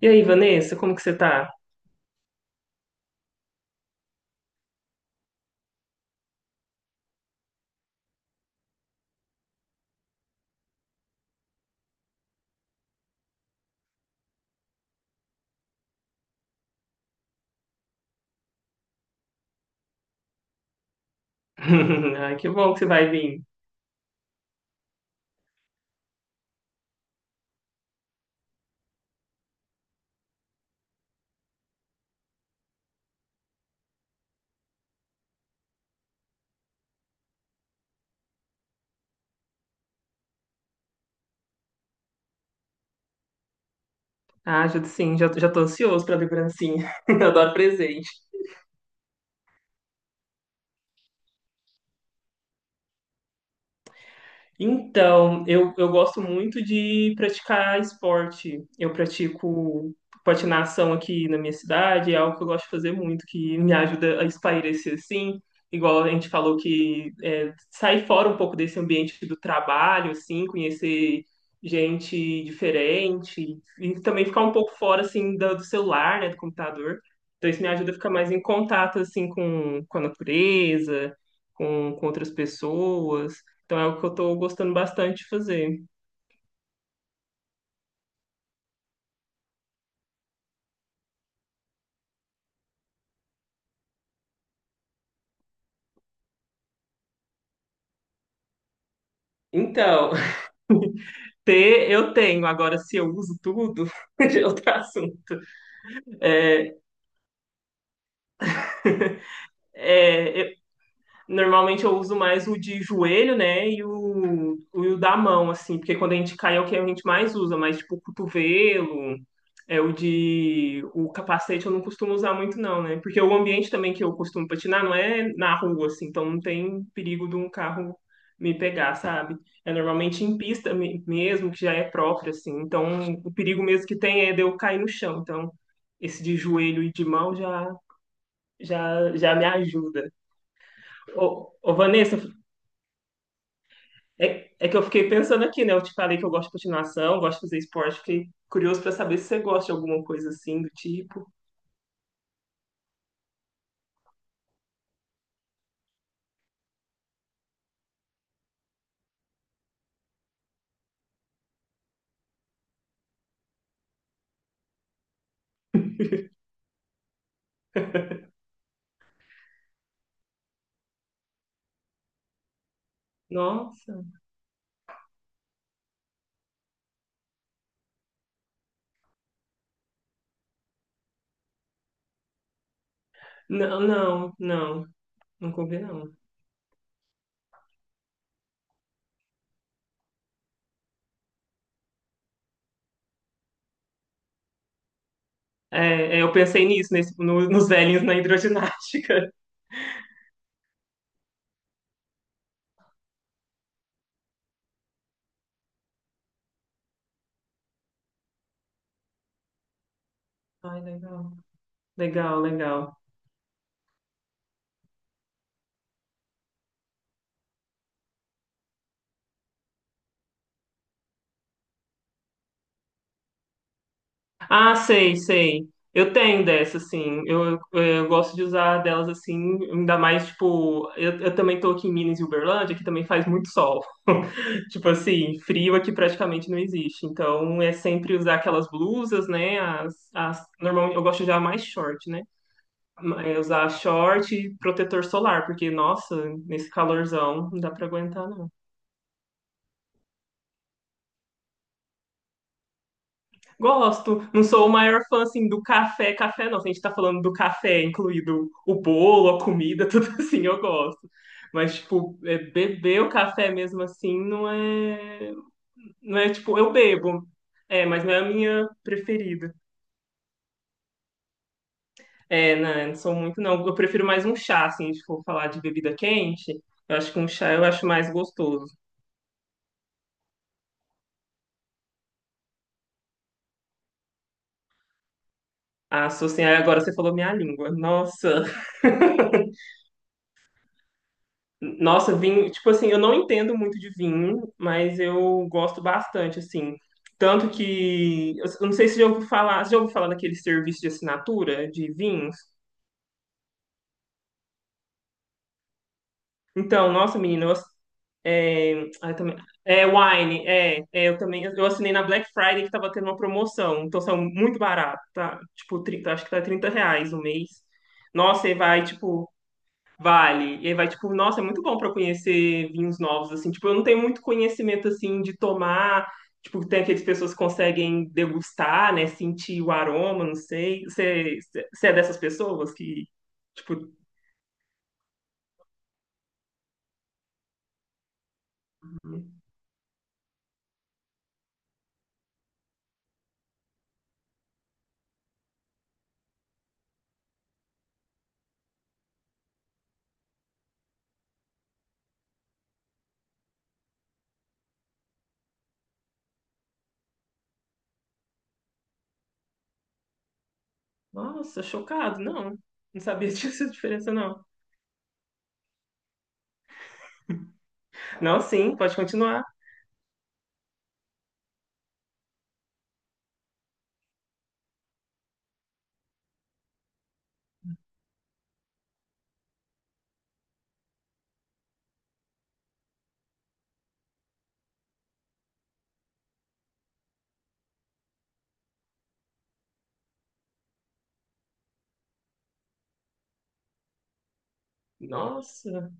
E aí, Vanessa, como que você tá? Ai, que bom que você vai vir. Ah, ajuda sim, já tô ansioso pra lembrancinha. Eu adoro presente. Então, eu gosto muito de praticar esporte. Eu pratico patinação aqui na minha cidade, é algo que eu gosto de fazer muito, que me ajuda a espairecer assim. Igual a gente falou que é, sair fora um pouco desse ambiente do trabalho, assim, conhecer gente diferente e também ficar um pouco fora assim do celular, né, do computador. Então isso me ajuda a ficar mais em contato assim com a natureza, com outras pessoas. Então é o que eu tô gostando bastante de fazer. Então, ter eu tenho, agora se eu uso tudo, já é outro assunto. É, Normalmente eu uso mais o de joelho, né? E o da mão, assim, porque quando a gente cai é o que a gente mais usa, mas tipo o cotovelo, é o capacete eu não costumo usar muito, não, né? Porque o ambiente também que eu costumo patinar não é na rua, assim, então não tem perigo de um carro me pegar, sabe? É normalmente em pista mesmo, que já é própria, assim, então o perigo mesmo que tem é de eu cair no chão, então esse de joelho e de mão já me ajuda. Ô, Vanessa, é que eu fiquei pensando aqui, né? Eu te falei que eu gosto de patinação, gosto de fazer esporte, fiquei curioso pra saber se você gosta de alguma coisa assim do tipo. Nossa. Não, não. Não combina, não. É, eu pensei nisso, nesse, no- nos velhinhos na hidroginástica. Ai, legal. Legal, legal. Ah, sei, sei. Eu tenho dessa, assim. Eu gosto de usar delas assim, ainda mais, tipo, eu também tô aqui em Minas e Uberlândia, que também faz muito sol. Tipo assim, frio aqui praticamente não existe. Então é sempre usar aquelas blusas, né? As, normalmente eu gosto de usar mais short, né? É usar short e protetor solar, porque, nossa, nesse calorzão não dá pra aguentar. Gosto. Não sou o maior fã, assim, do café. Café não, se a gente tá falando do café, incluído o bolo, a comida, tudo assim, eu gosto. Mas, tipo, é, beber o café mesmo assim não é. Não é, tipo, eu bebo. É, mas não é a minha preferida. É, não, não sou muito, não. Eu prefiro mais um chá, assim, se for falar de bebida quente. Eu acho que um chá eu acho mais gostoso. Ah, sou assim, aí agora você falou minha língua. Nossa! Nossa, vinho, tipo assim, eu não entendo muito de vinho, mas eu gosto bastante, assim. Tanto que, eu não sei se você já ouviu falar, você já ouviu falar daquele serviço de assinatura de vinhos? Então, nossa, menina, é, ah, eu também, é Wine, eu também, eu assinei na Black Friday que tava tendo uma promoção, então são muito barato, tá? Tipo, 30, acho que tá 30 reais o mês. Nossa, e vai, tipo, vale. E aí vai, tipo, nossa, é muito bom para conhecer vinhos novos, assim. Tipo, eu não tenho muito conhecimento, assim, de tomar. Tipo, tem aquelas pessoas que conseguem degustar, né? Sentir o aroma, não sei. Você é dessas pessoas que, tipo, nossa, chocado. Não, não sabia disso, diferença, não. Não, sim, pode continuar. Nossa.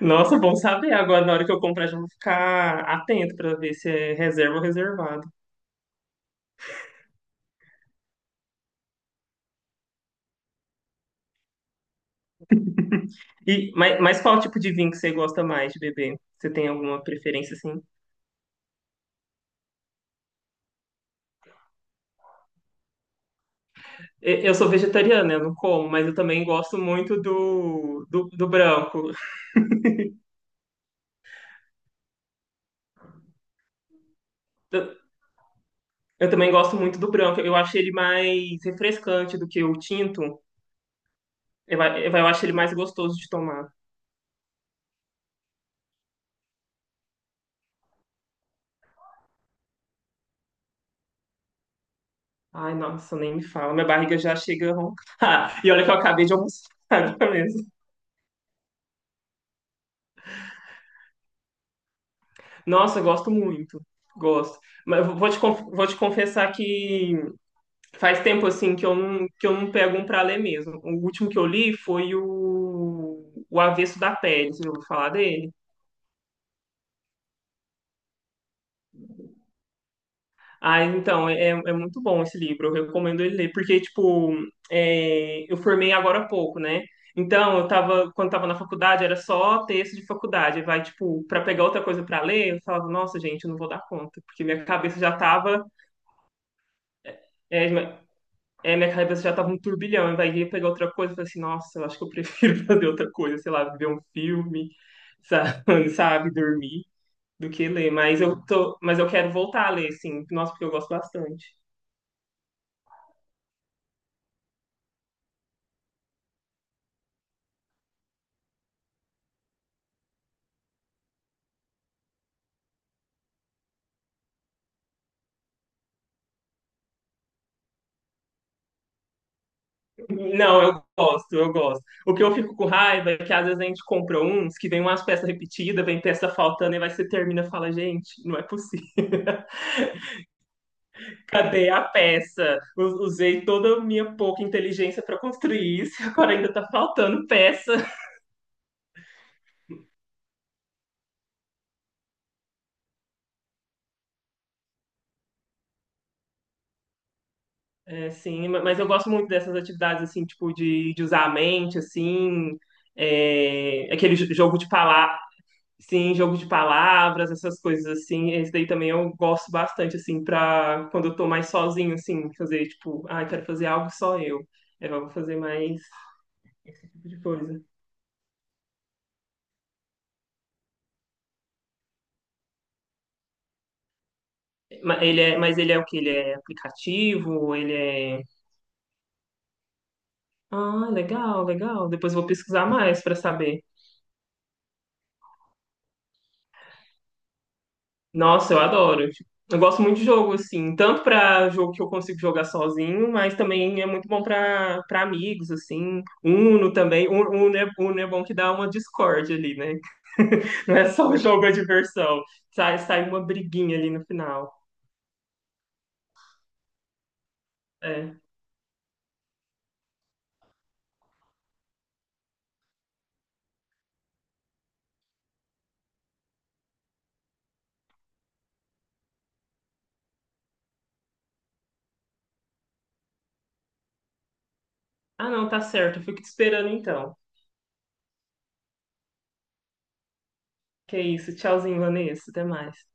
Nossa, bom saber. Agora, na hora que eu comprar, já vou ficar atento para ver se é reserva ou reservado. Mas qual tipo de vinho que você gosta mais de beber? Você tem alguma preferência, assim? Eu sou vegetariana, eu não como, mas eu também gosto muito do branco. Eu, eu também gosto muito do branco. Eu acho ele mais refrescante do que o tinto. Eu acho ele mais gostoso de tomar. Ai, nossa, nem me fala. Minha barriga já chega a roncar. E olha que eu acabei de almoçar agora mesmo. Nossa, eu gosto muito. Gosto. Mas eu vou vou te confessar que faz tempo assim que eu não pego um pra ler mesmo. O último que eu li foi o Avesso da Pele, você já ouviu falar dele? Ah, então, é muito bom esse livro, eu recomendo ele ler, porque, tipo, é, eu formei agora há pouco, né? Então, eu tava, quando tava na faculdade, era só texto de faculdade. Vai, tipo, pra pegar outra coisa pra ler, eu falava, nossa, gente, eu não vou dar conta, porque minha cabeça já tava, é, é, minha cabeça já tava um turbilhão, vai ia pegar outra coisa, eu falei assim, nossa, eu acho que eu prefiro fazer outra coisa, sei lá, ver um filme, sabe, sabe, dormir, do que ler. Mas eu tô, mas eu quero voltar a ler, sim. Nossa, porque eu gosto bastante. Não, eu gosto, eu gosto. O que eu fico com raiva é que às vezes a gente compra uns que vem umas peças repetidas, vem peça faltando, e vai você termina e fala, gente, não é possível. Cadê a peça? Usei toda a minha pouca inteligência para construir isso, e agora ainda tá faltando peça. É, sim, mas eu gosto muito dessas atividades, assim, tipo, de usar a mente, assim, é, aquele jogo de palavras, sim, jogo de palavras, essas coisas, assim, esse daí também eu gosto bastante, assim, pra quando eu tô mais sozinho, assim, fazer, tipo, ah, eu quero fazer algo só eu, é, eu vou fazer mais esse tipo de coisa. Ele é o que? Ele é aplicativo? Ele é... Ah, legal, legal, depois eu vou pesquisar mais pra saber. Nossa, eu adoro. Tipo, eu gosto muito de jogo, assim, tanto pra jogo que eu consigo jogar sozinho, mas também é muito bom pra para amigos, assim. Uno também. Uno Uno é bom que dá uma discórdia ali, né? Não é só o jogo a diversão. Sai uma briguinha ali no final. É. Ah, não, tá certo. Eu fico te esperando então. Que é isso. Tchauzinho, Vanessa. Até mais.